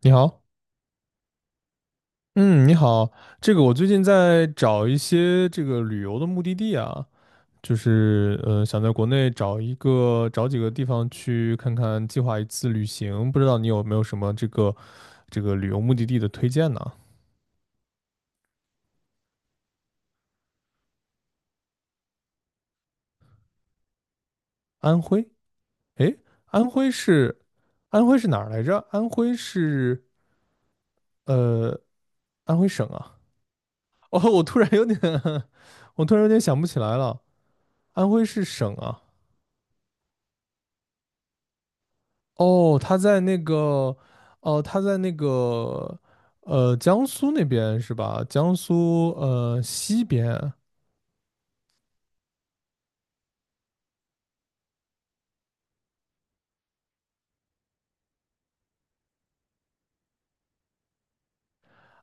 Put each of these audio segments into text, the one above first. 你好。嗯，你好。我最近在找一些旅游的目的地啊，想在国内找几个地方去看看，计划一次旅行，不知道你有没有什么这个旅游目的地的推荐呢？安徽，诶，安徽是安徽是哪儿来着？安徽是呃安徽省啊。哦，我突然有点 我突然有点想不起来了，安徽是省啊。哦，他在那个，哦，他在那个，江苏那边是吧？江苏西边啊。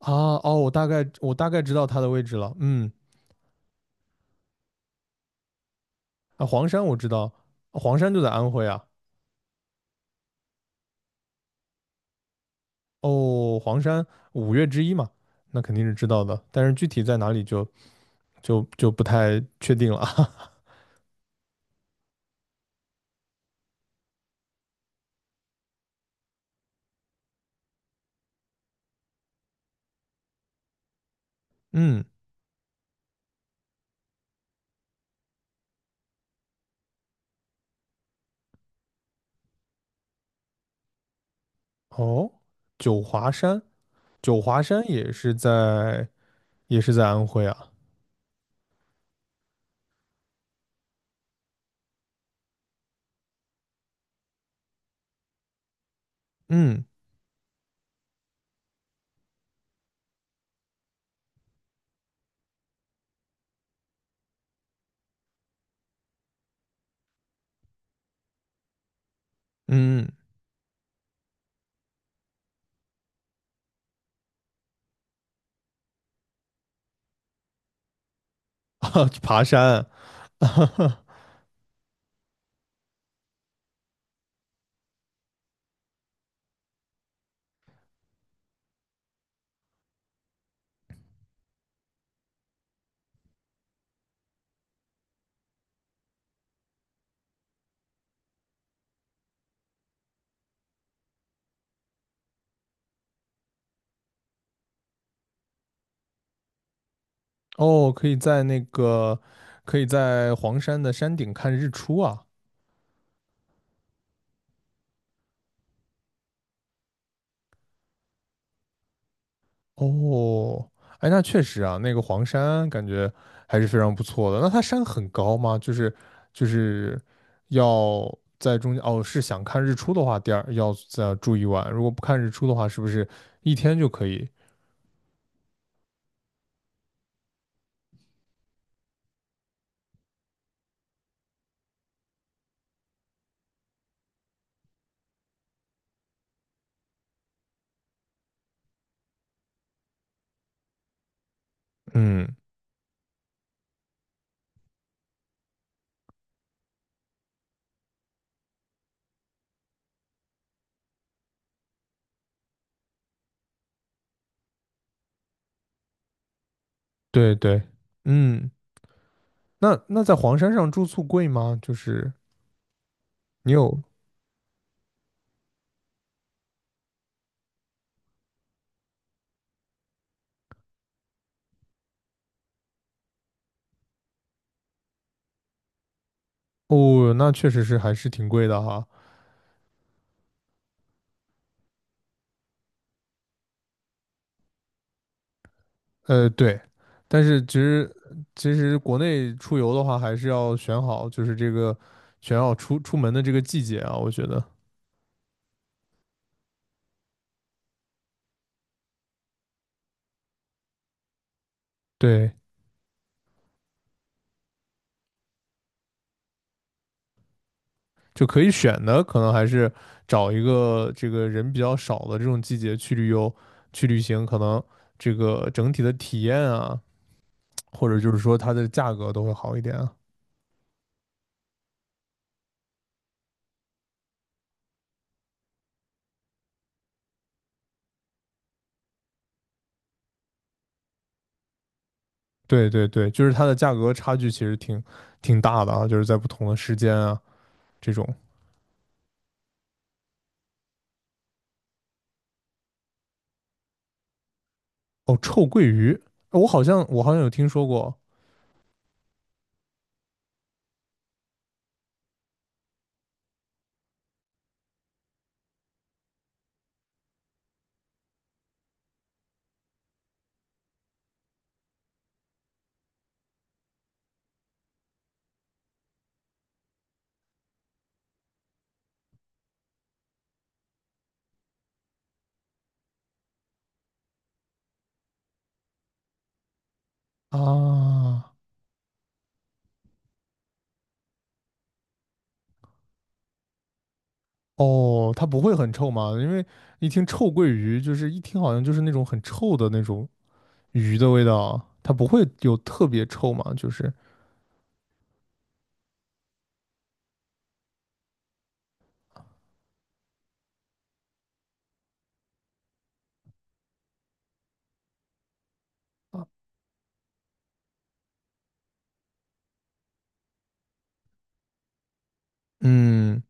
哦，我大概知道他的位置了。嗯。啊，黄山我知道，黄山就在安徽啊。哦，黄山五岳之一嘛，那肯定是知道的，但是具体在哪里就就不太确定了。嗯。哦，九华山，九华山也是在也是在安徽啊。嗯嗯。嗯。 啊，去爬山。哦，可以在那个，可以在黄山的山顶看日出啊。哦，哎，那确实啊，那个黄山感觉还是非常不错的。那它山很高吗？就是要在中间，哦，是想看日出的话，第二要再住一晚。如果不看日出的话，是不是一天就可以？嗯。对对。嗯，那那在黄山上住宿贵吗？就是你有？哦，那确实是还是挺贵的哈。呃，对，但是其实国内出游的话，还是要选好，就是这个选好出门的这个季节啊，我觉得对，就可以选的，可能还是找一个这个人比较少的这种季节去旅行，可能这个整体的体验啊，或者就是说它的价格都会好一点啊。对对对，就是它的价格差距其实挺大的啊，就是在不同的时间啊这种。哦，臭鳜鱼，我好像有听说过啊。哦，它不会很臭吗？因为一听臭鳜鱼，就是一听好像就是那种很臭的那种鱼的味道，它不会有特别臭嘛？就是啊，嗯，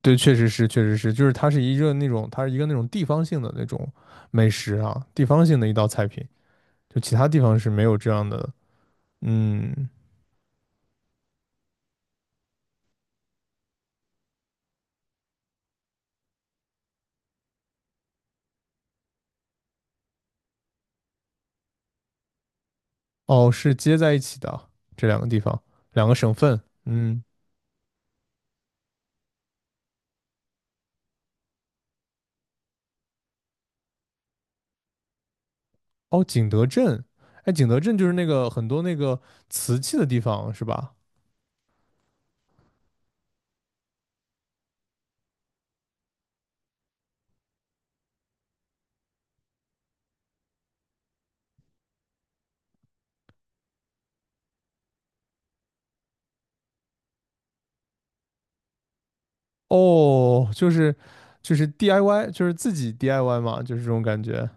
对，确实是，就是它是一个那种，它是一个那种地方性的那种美食啊，地方性的一道菜品，就其他地方是没有这样的。嗯。哦，是接在一起的啊这两个地方，两个省份。嗯。哦，景德镇，哎，景德镇就是那个很多那个瓷器的地方是吧？哦，就是 DIY，就是自己 DIY 嘛，就是这种感觉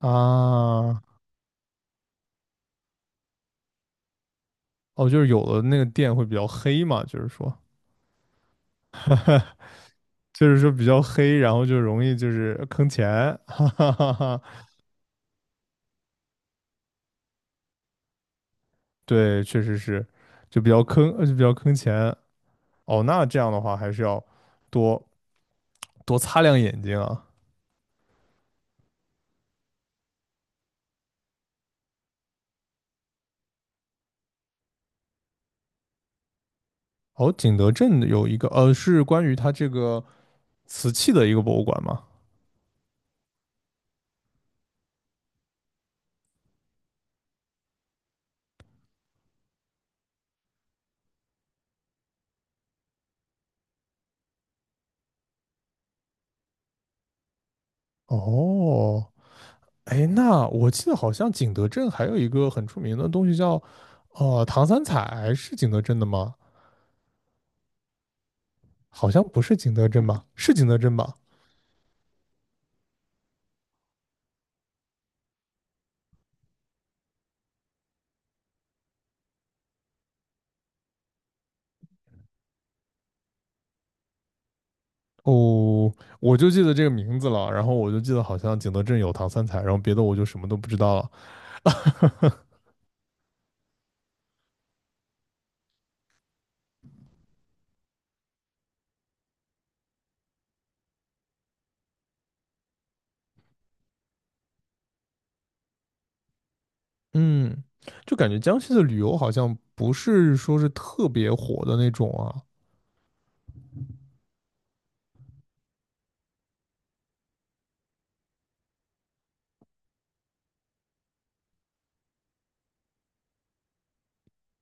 啊。哦，就是有的那个店会比较黑嘛，就是说，就是说比较黑，然后就容易就是坑钱，哈哈哈哈。对，确实是，就比较坑，就比较坑钱。哦，那这样的话还是要多多擦亮眼睛啊。哦，景德镇有一个，呃，是关于它这个瓷器的一个博物馆嘛。哦，哎，那我记得好像景德镇还有一个很出名的东西叫，呃，唐三彩，是景德镇的吗？好像不是景德镇吧？是景德镇吧？哦，我就记得这个名字了，然后我就记得好像景德镇有唐三彩，然后别的我就什么都不知道了。嗯，就感觉江西的旅游好像不是说是特别火的那种啊，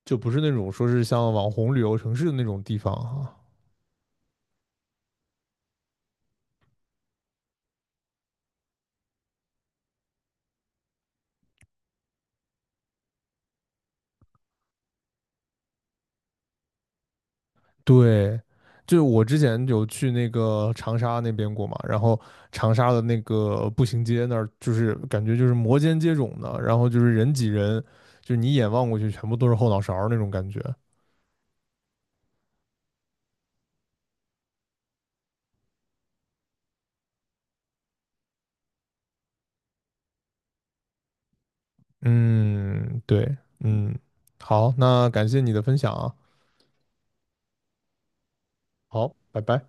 就不是那种说是像网红旅游城市的那种地方啊。对，就是我之前有去那个长沙那边过嘛，然后长沙的那个步行街那儿，就是感觉就是摩肩接踵的，然后就是人挤人，就是你一眼望过去全部都是后脑勺儿那种感觉。嗯，对。嗯，好，那感谢你的分享啊。好，拜拜。